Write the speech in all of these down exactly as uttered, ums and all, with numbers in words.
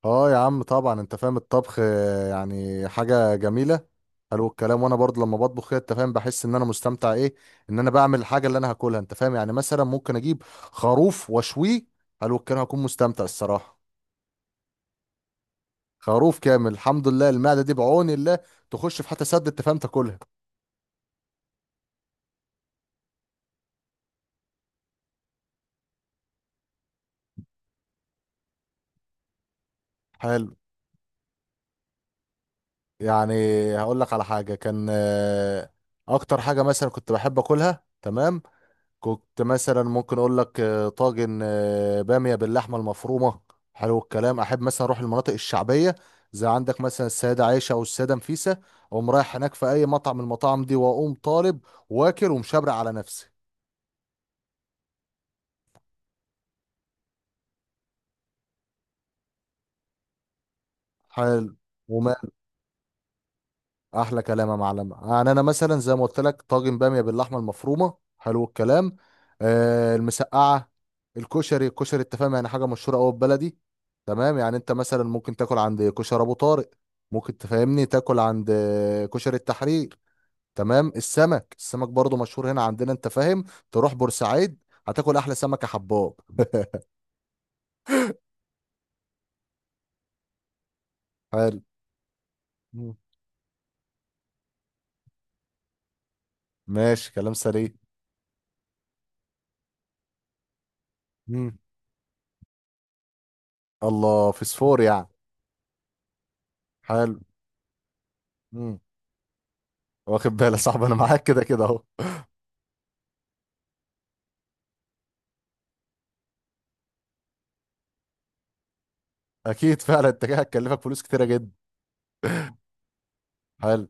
اه يا عم طبعا انت فاهم الطبخ آه، يعني حاجة جميلة. حلو الكلام وانا برضه لما بطبخ كده انت فاهم بحس ان انا مستمتع ايه ان انا بعمل الحاجة اللي انا هاكلها انت فاهم، يعني مثلا ممكن اجيب خروف واشويه. حلو الكلام هكون مستمتع الصراحة. خروف كامل، الحمد لله المعدة دي بعون الله تخش في حتى سد انت فاهم تاكلها. حلو، يعني هقول لك على حاجة كان آه، اكتر حاجة مثلا كنت بحب اكلها. تمام، كنت مثلا ممكن اقول لك آه، طاجن آه، باميه باللحمه المفرومه. حلو الكلام، احب مثلا اروح المناطق الشعبيه، زي عندك مثلا السيده عائشه او السيده نفيسه، اقوم رايح هناك في اي مطعم من المطاعم دي واقوم طالب واكل ومشبع على نفسي. حلو، احلى كلام يا معلم. يعني انا مثلا زي ما قلت لك طاجن باميه باللحمه المفرومه، حلو الكلام، آه المسقعه، الكشري الكشري انت فاهم، يعني حاجه مشهوره قوي في بلدي. تمام، يعني انت مثلا ممكن تاكل عند كشري ابو طارق، ممكن تفهمني تاكل عند آه، كشري التحرير. تمام، السمك السمك برضو مشهور هنا عندنا انت فاهم. تروح بورسعيد هتاكل احلى سمك يا حباب. حلو. مم. ماشي كلام سليم. مم. الله فسفور يعني. حلو. مم. واخد بالك يا صاحبي، انا معاك كده كده اهو. اكيد فعلا التكية هتكلفك فلوس كتيره جدا. حلو.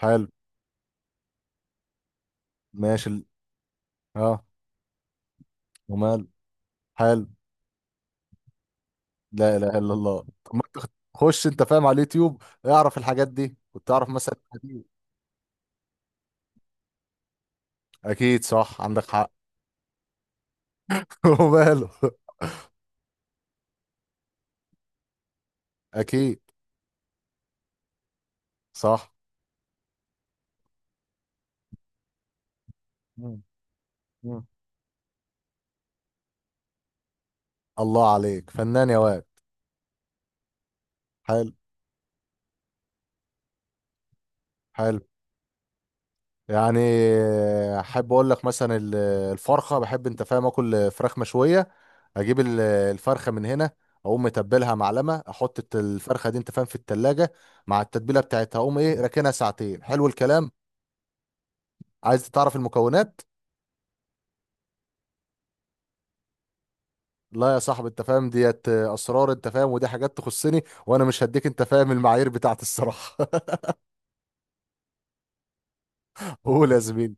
حلو. ماشي ال- اه. ومال. حلو. لا اله الا الله، طب ما انت خش انت فاهم على اليوتيوب اعرف الحاجات دي وتعرف مثلا الحديد. اكيد صح عندك حق. وماله. اكيد. صح. مم. مم. الله عليك فنان يا واد. حلو. حلو، يعني احب اقول لك مثلا ال- الفرخه، بحب انت فاهم اكل فراخ مشويه، اجيب ال- الفرخه من هنا، اقوم متبلها معلمه، احط الت- الفرخه دي انت فاهم في التلاجة مع التتبيله بتاعتها، اقوم ايه راكنها ساعتين. حلو الكلام. عايز تعرف المكونات؟ لا يا صاحبي انت فاهم ديت اسرار، انت فاهم ودي حاجات تخصني، وانا مش هديك انت فاهم المعايير بتاعت الصراحه. قول يا زميلي.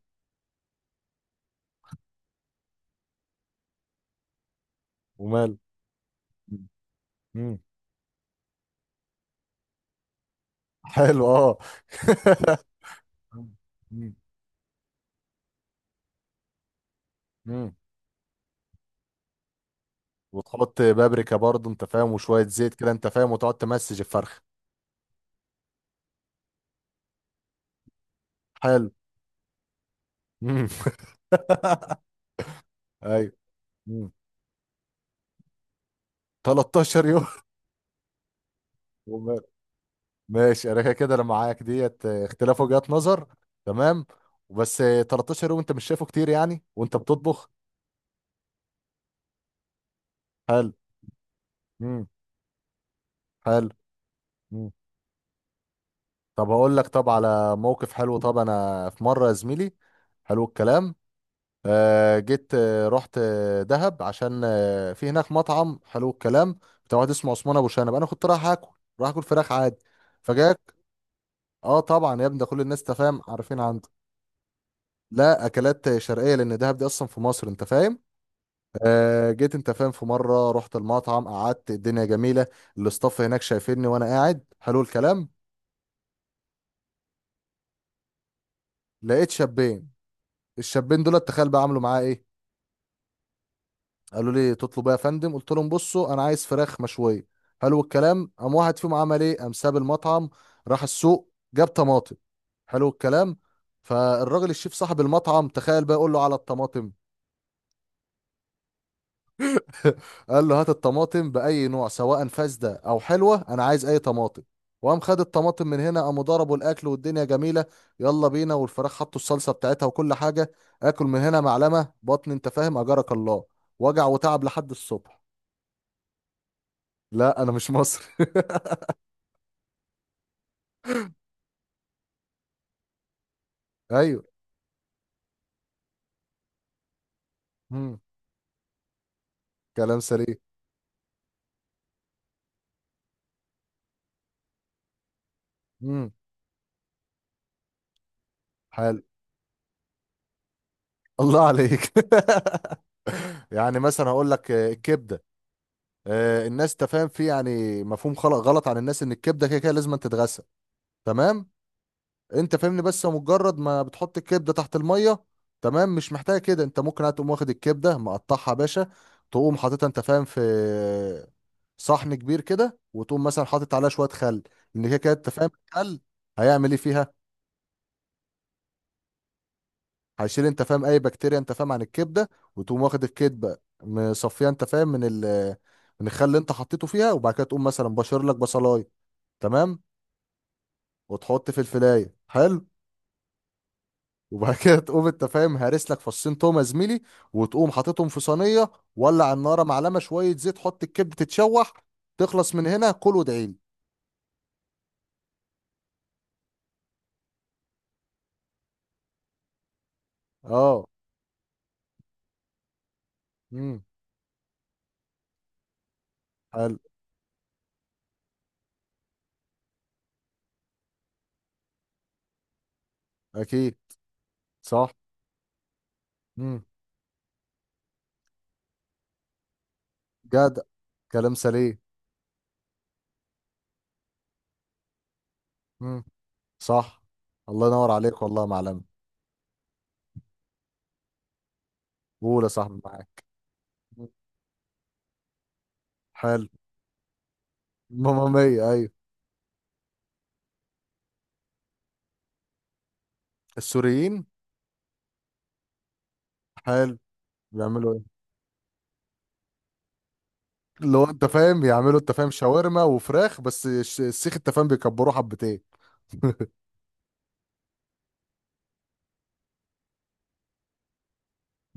ومال. مم. حلو اه. مم. مم. وتحط بابريكا برضه انت فاهم، وشويه زيت كده انت فاهم، وتقعد تمسج الفرخه. حلو. مم. ايوه. مم. 13 يوم. ومال. ماشي، انا كده كده انا معاك ديت اه، اختلاف وجهات نظر. تمام. وبس اه، 13 يوم، انت مش شايفه كتير يعني وانت بتطبخ؟ حلو. مم. حلو. مم. طب هقول لك، طب على موقف حلو، طب انا في مره يا زميلي، حلو الكلام، آه، جيت آه، رحت آه، دهب، عشان آه، في هناك مطعم حلو الكلام، بتاع واحد اسمه عثمان ابو شنب، انا كنت رايح اكل، رايح اكل فراخ عادي. فجاك اه، طبعا يا ابني، ده كل الناس تفهم عارفين عنده. لا، اكلات شرقيه، لان دهب دي اصلا في مصر انت فاهم. آه جيت انت فاهم في مره رحت المطعم، قعدت، الدنيا جميله، الاستاف هناك شايفيني وانا قاعد، حلو الكلام، لقيت شابين. الشابين دول تخيل بقى عملوا معايا ايه؟ قالوا لي تطلب ايه يا فندم؟ قلت لهم بصوا انا عايز فراخ مشويه. حلو الكلام، قام واحد فيهم عمل ايه، قام ساب المطعم، راح السوق، جاب طماطم. حلو الكلام. فالراجل الشيف صاحب المطعم، تخيل بقى يقول له على الطماطم. قال له هات الطماطم باي نوع، سواء فاسده او حلوه، انا عايز اي طماطم. وقام خد الطماطم من هنا، قاموا ضربوا الاكل والدنيا جميله، يلا بينا، والفراخ حطوا الصلصه بتاعتها وكل حاجه، اكل من هنا معلمه بطن انت فاهم، اجرك الله، وجع وتعب لحد الصبح. لا انا مش مصري. ايوه. مم. كلام سليم. مم. حلو. الله عليك. يعني مثلا هقول لك آه، الكبده، آه، الناس تفهم فيه يعني مفهوم خلق غلط عن الناس، ان الكبده كده كده لازم أن تتغسل. تمام، انت فاهمني، بس مجرد ما بتحط الكبده تحت الميه، تمام، مش محتاجه كده. انت ممكن هتقوم واخد الكبده مقطعها يا باشا، تقوم حاططها انت فاهم في صحن كبير كده، وتقوم مثلا حاطط عليها شويه خل، لان كده كده انت فاهم الخل هيعمل ايه فيها؟ هيشيل انت فاهم اي بكتيريا انت فاهم عن الكبده. وتقوم واخد الكبده مصفيه انت فاهم من ال من الخل اللي انت حطيته فيها، وبعد كده تقوم مثلا بشر لك بصلايه، تمام، وتحط في الفلايه. حلو. وبعد كده تقوم انت فاهم هارس لك فصين توم يا زميلي، وتقوم حاططهم في صينيه، ولع النار، معلقه شويه زيت، حط الكبده تتشوح، تخلص من هنا كل وادعي لي. اه. امم. حلو. اكيد. صح. امم. جدع. كلام سليم. امم. صح. الله ينور عليك والله يا معلم. قول يا صاحبي، معاك. حلو. ماما مية، ايوه. السوريين. حلو. بيعملوا ايه؟ اللي هو انت فاهم بيعملوا انت فاهم شاورما وفراخ، بس الش- السيخ انت فاهم بيكبروه حبتين.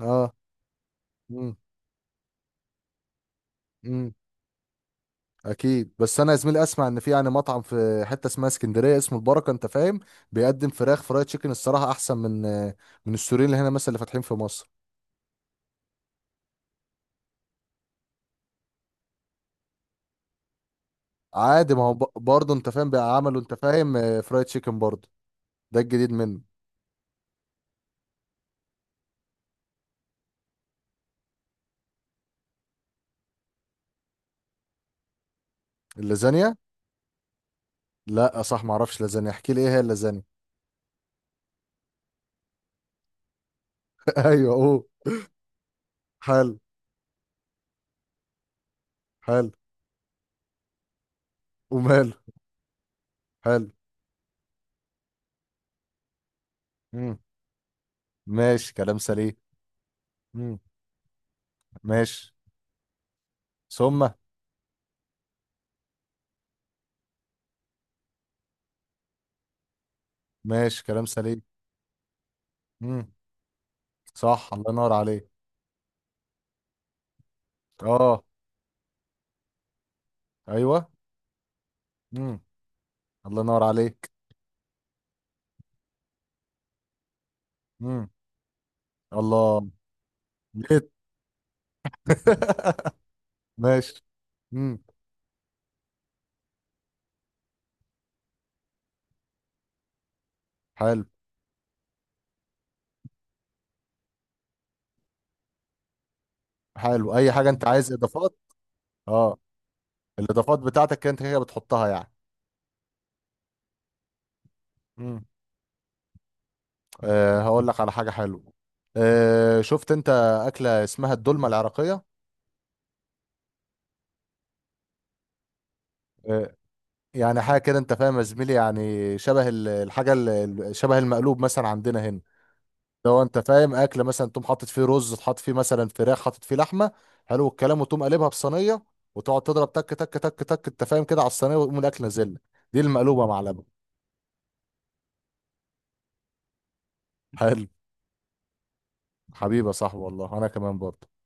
اه. امم. امم. اكيد. بس انا يا زميلي اسمع ان في يعني مطعم في حته اسمها اسكندريه اسمه البركه انت فاهم، بيقدم فراخ فرايد تشيكن، الصراحه احسن من من السوريين اللي هنا مثلا اللي فاتحين في مصر. عادي، ما هو ب- برضه انت فاهم بقى عملوا انت فاهم آه، فرايد تشيكن برضه، ده الجديد منه. اللازانيا؟ لا صح، ما اعرفش لازانيا، احكي لي ايه هي اللازانيا. ايوه اوه. حلو. حلو. وماله. حلو. مم. ماشي كلام سليم. مم. ماشي. ثم. ماشي كلام سليم. مم. صح الله ينور عليك. اه. ايوه. مم. الله ينور عليك. مم. الله، جيت. ماشي. مم. حلو. حلو، اي حاجه انت عايز اضافات. اه. الاضافات بتاعتك انت كده بتحطها يعني. مم. أه هقول لك على حاجة حلوة. أه، شفت انت أكلة اسمها الدولمة العراقية؟ أه، يعني حاجة كده انت فاهم يا زميلي، يعني شبه ال- الحاجة ال- ال- شبه المقلوب مثلا عندنا هنا. لو انت فاهم أكل مثلا تقوم حاطط فيه رز، تحط فيه مثلا فراخ، حاطط فيه لحمة، حلو الكلام، وتقوم قلبها في صينية، وتقعد تضرب تك تك تك تك انت فاهم كده على الصينية، وتقوم الأكل نازل لك. دي المقلوبة معلبة. حلو. حبيبي يا صاحبي، والله انا كمان برضه